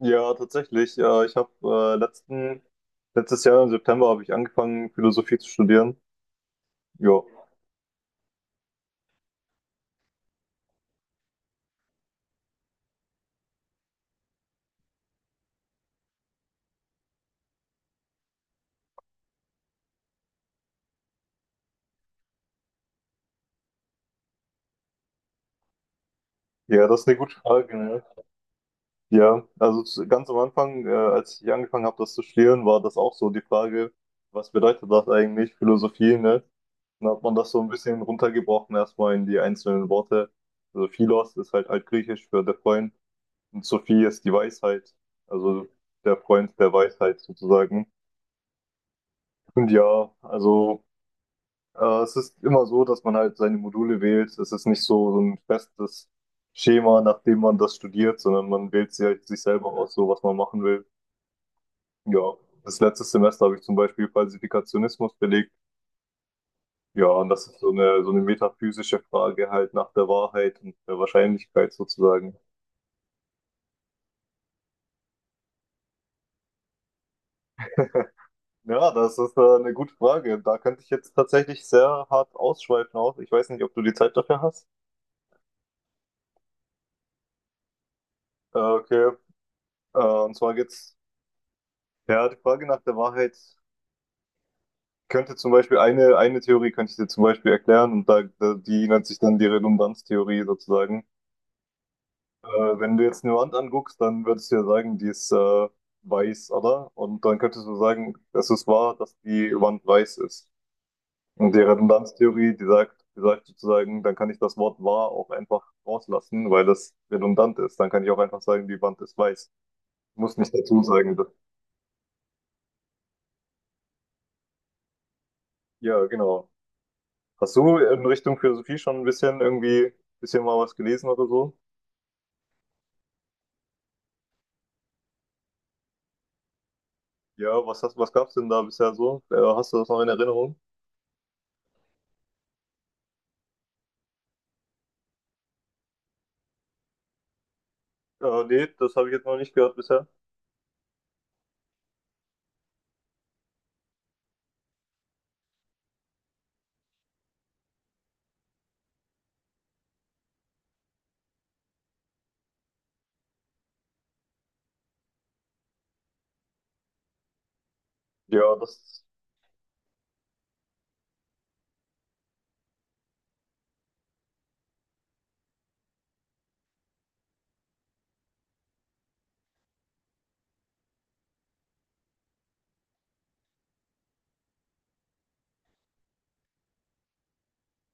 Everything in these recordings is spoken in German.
Ja, tatsächlich. Ich habe letztes Jahr im September habe ich angefangen, Philosophie zu studieren. Ja, ja, das ist eine gute Frage. Ne? Ja, also ganz am Anfang, als ich angefangen habe, das zu studieren, war das auch so die Frage, was bedeutet das eigentlich, Philosophie, ne? Dann hat man das so ein bisschen runtergebrochen, erstmal in die einzelnen Worte. Also Philos ist halt altgriechisch für der Freund und Sophie ist die Weisheit, also der Freund der Weisheit sozusagen. Und ja, also. Es ist immer so, dass man halt seine Module wählt. Es ist nicht so, so ein festes Schema, nach dem man das studiert, sondern man wählt sich, halt sich selber aus, so was man machen will. Ja, das letzte Semester habe ich zum Beispiel Falsifikationismus belegt. Ja, und das ist so eine metaphysische Frage halt nach der Wahrheit und der Wahrscheinlichkeit sozusagen. Ja, das ist eine gute Frage. Da könnte ich jetzt tatsächlich sehr hart ausschweifen auch. Ich weiß nicht, ob du die Zeit dafür hast. Okay, und zwar ja, die Frage nach der Wahrheit. Könnte zum Beispiel eine Theorie könnte ich dir zum Beispiel erklären und die nennt sich dann die Redundanztheorie sozusagen. Äh, Wenn du jetzt eine Wand anguckst, dann würdest du ja sagen, die ist weiß, oder? Und dann könntest du sagen, es ist wahr, dass die Wand weiß ist. Und die Redundanztheorie, die sagt sozusagen, dann kann ich das Wort wahr auch einfach rauslassen, weil das redundant ist. Dann kann ich auch einfach sagen, die Wand ist weiß. Ich muss nicht dazu sagen. Dass, ja, genau. Hast du in Richtung Philosophie schon ein bisschen irgendwie, bisschen mal was gelesen oder so? Ja, was hast, was gab's denn da bisher so? Hast du das noch in Erinnerung? Nee, das habe ich jetzt noch nicht gehört bisher. Ja, das,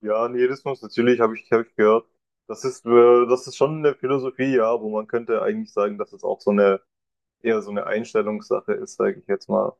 ja, Nihilismus, natürlich habe ich gehört. Das ist schon eine Philosophie, ja, wo man könnte eigentlich sagen, dass es auch so eine, eher so eine Einstellungssache ist, sage ich jetzt mal.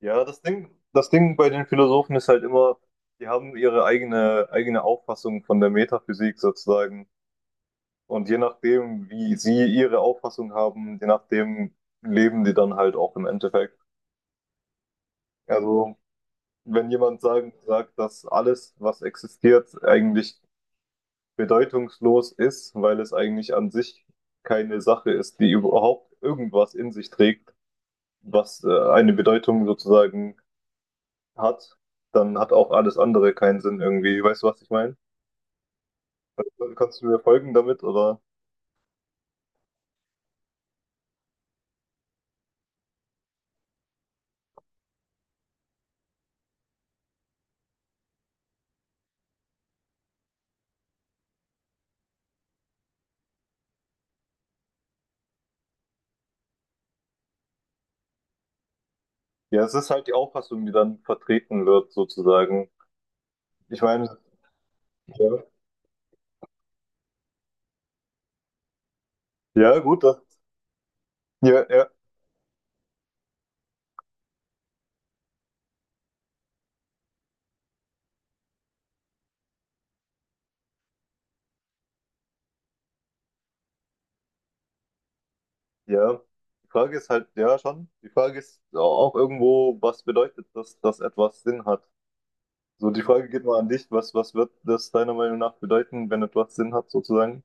Ja, das Ding bei den Philosophen ist halt immer, die haben ihre eigene, eigene Auffassung von der Metaphysik sozusagen. Und je nachdem, wie sie ihre Auffassung haben, je nachdem leben die dann halt auch im Endeffekt. Also, wenn jemand sagt, dass alles, was existiert, eigentlich bedeutungslos ist, weil es eigentlich an sich keine Sache ist, die überhaupt irgendwas in sich trägt, was eine Bedeutung sozusagen hat, dann hat auch alles andere keinen Sinn irgendwie. Weißt du, was ich meine? Kannst du mir folgen damit? Oder? Ja, es ist halt die Auffassung, die dann vertreten wird, sozusagen. Ich meine, ja, ja, gut, das, ja, ja. Ja, die Frage ist halt, ja schon, die Frage ist auch irgendwo, was bedeutet das, dass etwas Sinn hat? So, die Frage geht mal an dich, was, was wird das deiner Meinung nach bedeuten, wenn etwas Sinn hat, sozusagen?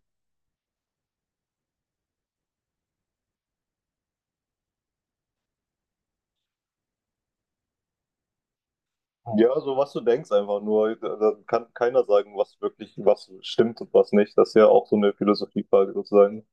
Ja, so was du denkst einfach nur, da kann keiner sagen, was wirklich, was stimmt und was nicht. Das ist ja auch so eine Philosophiefrage sozusagen.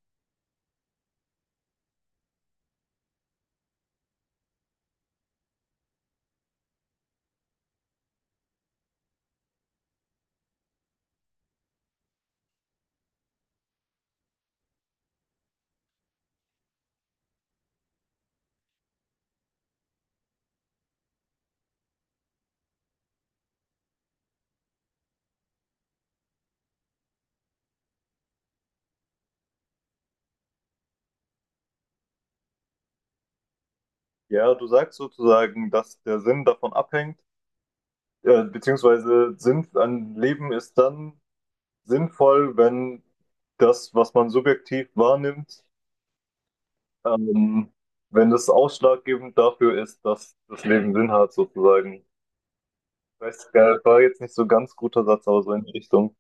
Ja, du sagst sozusagen, dass der Sinn davon abhängt, beziehungsweise Sinn an Leben ist dann sinnvoll, wenn das, was man subjektiv wahrnimmt, Ähm, wenn das ausschlaggebend dafür ist, dass das Leben Sinn hat, sozusagen. Ich weiß gar nicht, war jetzt nicht so ganz guter Satz, aber so in die Richtung.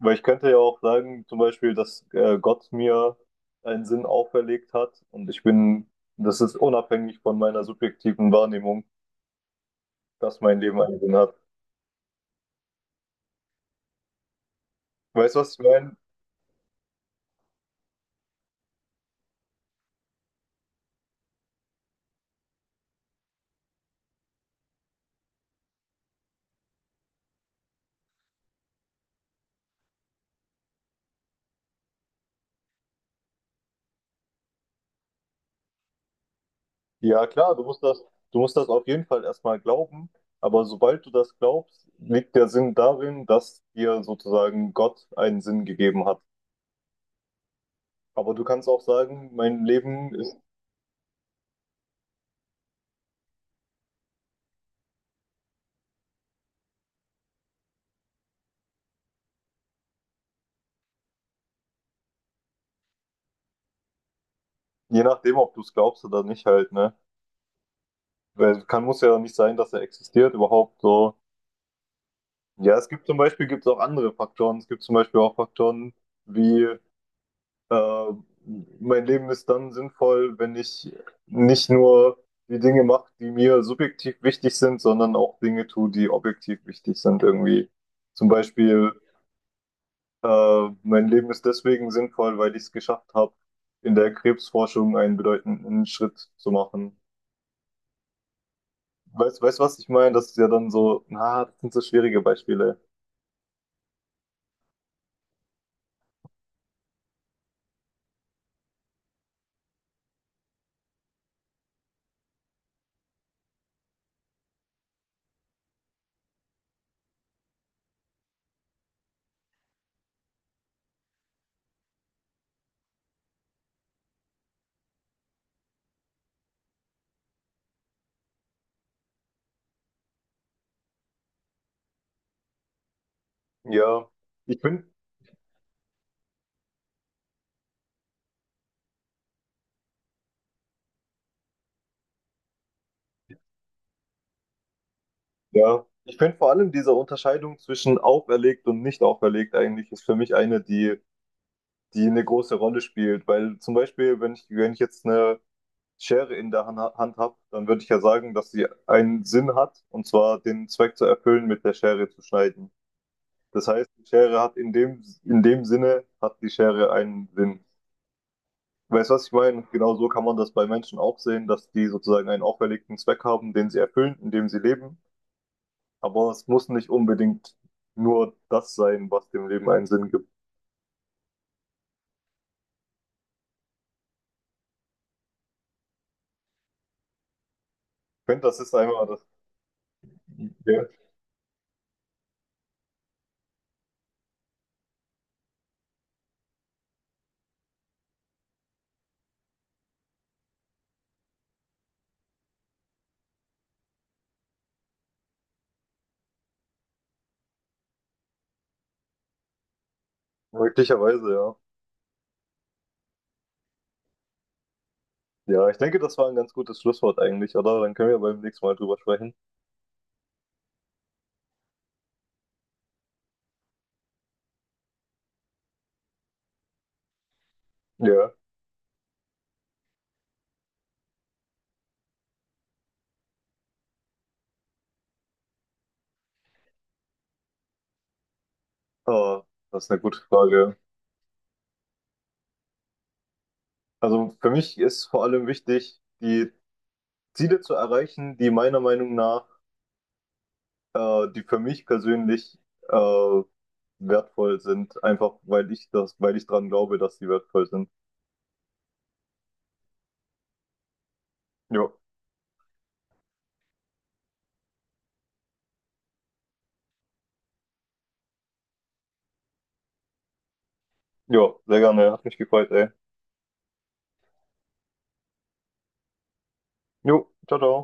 Weil ich könnte ja auch sagen, zum Beispiel, dass Gott mir einen Sinn auferlegt hat das ist unabhängig von meiner subjektiven Wahrnehmung, dass mein Leben einen Sinn hat. Weißt du, was ich meine? Ja, klar, du musst das auf jeden Fall erstmal glauben, aber sobald du das glaubst, liegt der Sinn darin, dass dir sozusagen Gott einen Sinn gegeben hat. Aber du kannst auch sagen, mein Leben ist, je nachdem, ob du es glaubst oder nicht, halt, ne? Weil kann, muss ja nicht sein, dass er existiert überhaupt so. Ja, es gibt zum Beispiel gibt's auch andere Faktoren. Es gibt zum Beispiel auch Faktoren wie, äh, mein Leben ist dann sinnvoll, wenn ich nicht nur die Dinge mache, die mir subjektiv wichtig sind, sondern auch Dinge tue, die objektiv wichtig sind irgendwie. Zum Beispiel mein Leben ist deswegen sinnvoll, weil ich es geschafft habe, in der Krebsforschung einen bedeutenden Schritt zu machen. Weißt, weißt, was ich meine? Das ist ja dann so, na, das sind so schwierige Beispiele. Ja, ich bin, ja, ich finde vor allem diese Unterscheidung zwischen auferlegt und nicht auferlegt eigentlich ist für mich eine, die, die eine große Rolle spielt. Weil zum Beispiel, wenn ich jetzt eine Schere in der Hand habe, dann würde ich ja sagen, dass sie einen Sinn hat, und zwar den Zweck zu erfüllen, mit der Schere zu schneiden. Das heißt, die Schere hat in dem Sinne, hat die Schere einen Sinn. Weißt du, was ich meine? Genau so kann man das bei Menschen auch sehen, dass die sozusagen einen auferlegten Zweck haben, den sie erfüllen, in dem sie leben. Aber es muss nicht unbedingt nur das sein, was dem Leben einen Sinn gibt. Ich finde, das ist einmal das. Ja, möglicherweise, ja. Ja, ich denke, das war ein ganz gutes Schlusswort eigentlich, oder? Dann können wir beim nächsten Mal drüber sprechen. Ja, ah, das ist eine gute Frage. Also für mich ist vor allem wichtig, die Ziele zu erreichen, die meiner Meinung nach, die für mich persönlich äh, wertvoll sind, einfach weil ich dran glaube, dass sie wertvoll sind. Jo, jo, sehr gerne, hat mich gefreut, ey. Jo, ciao, ciao.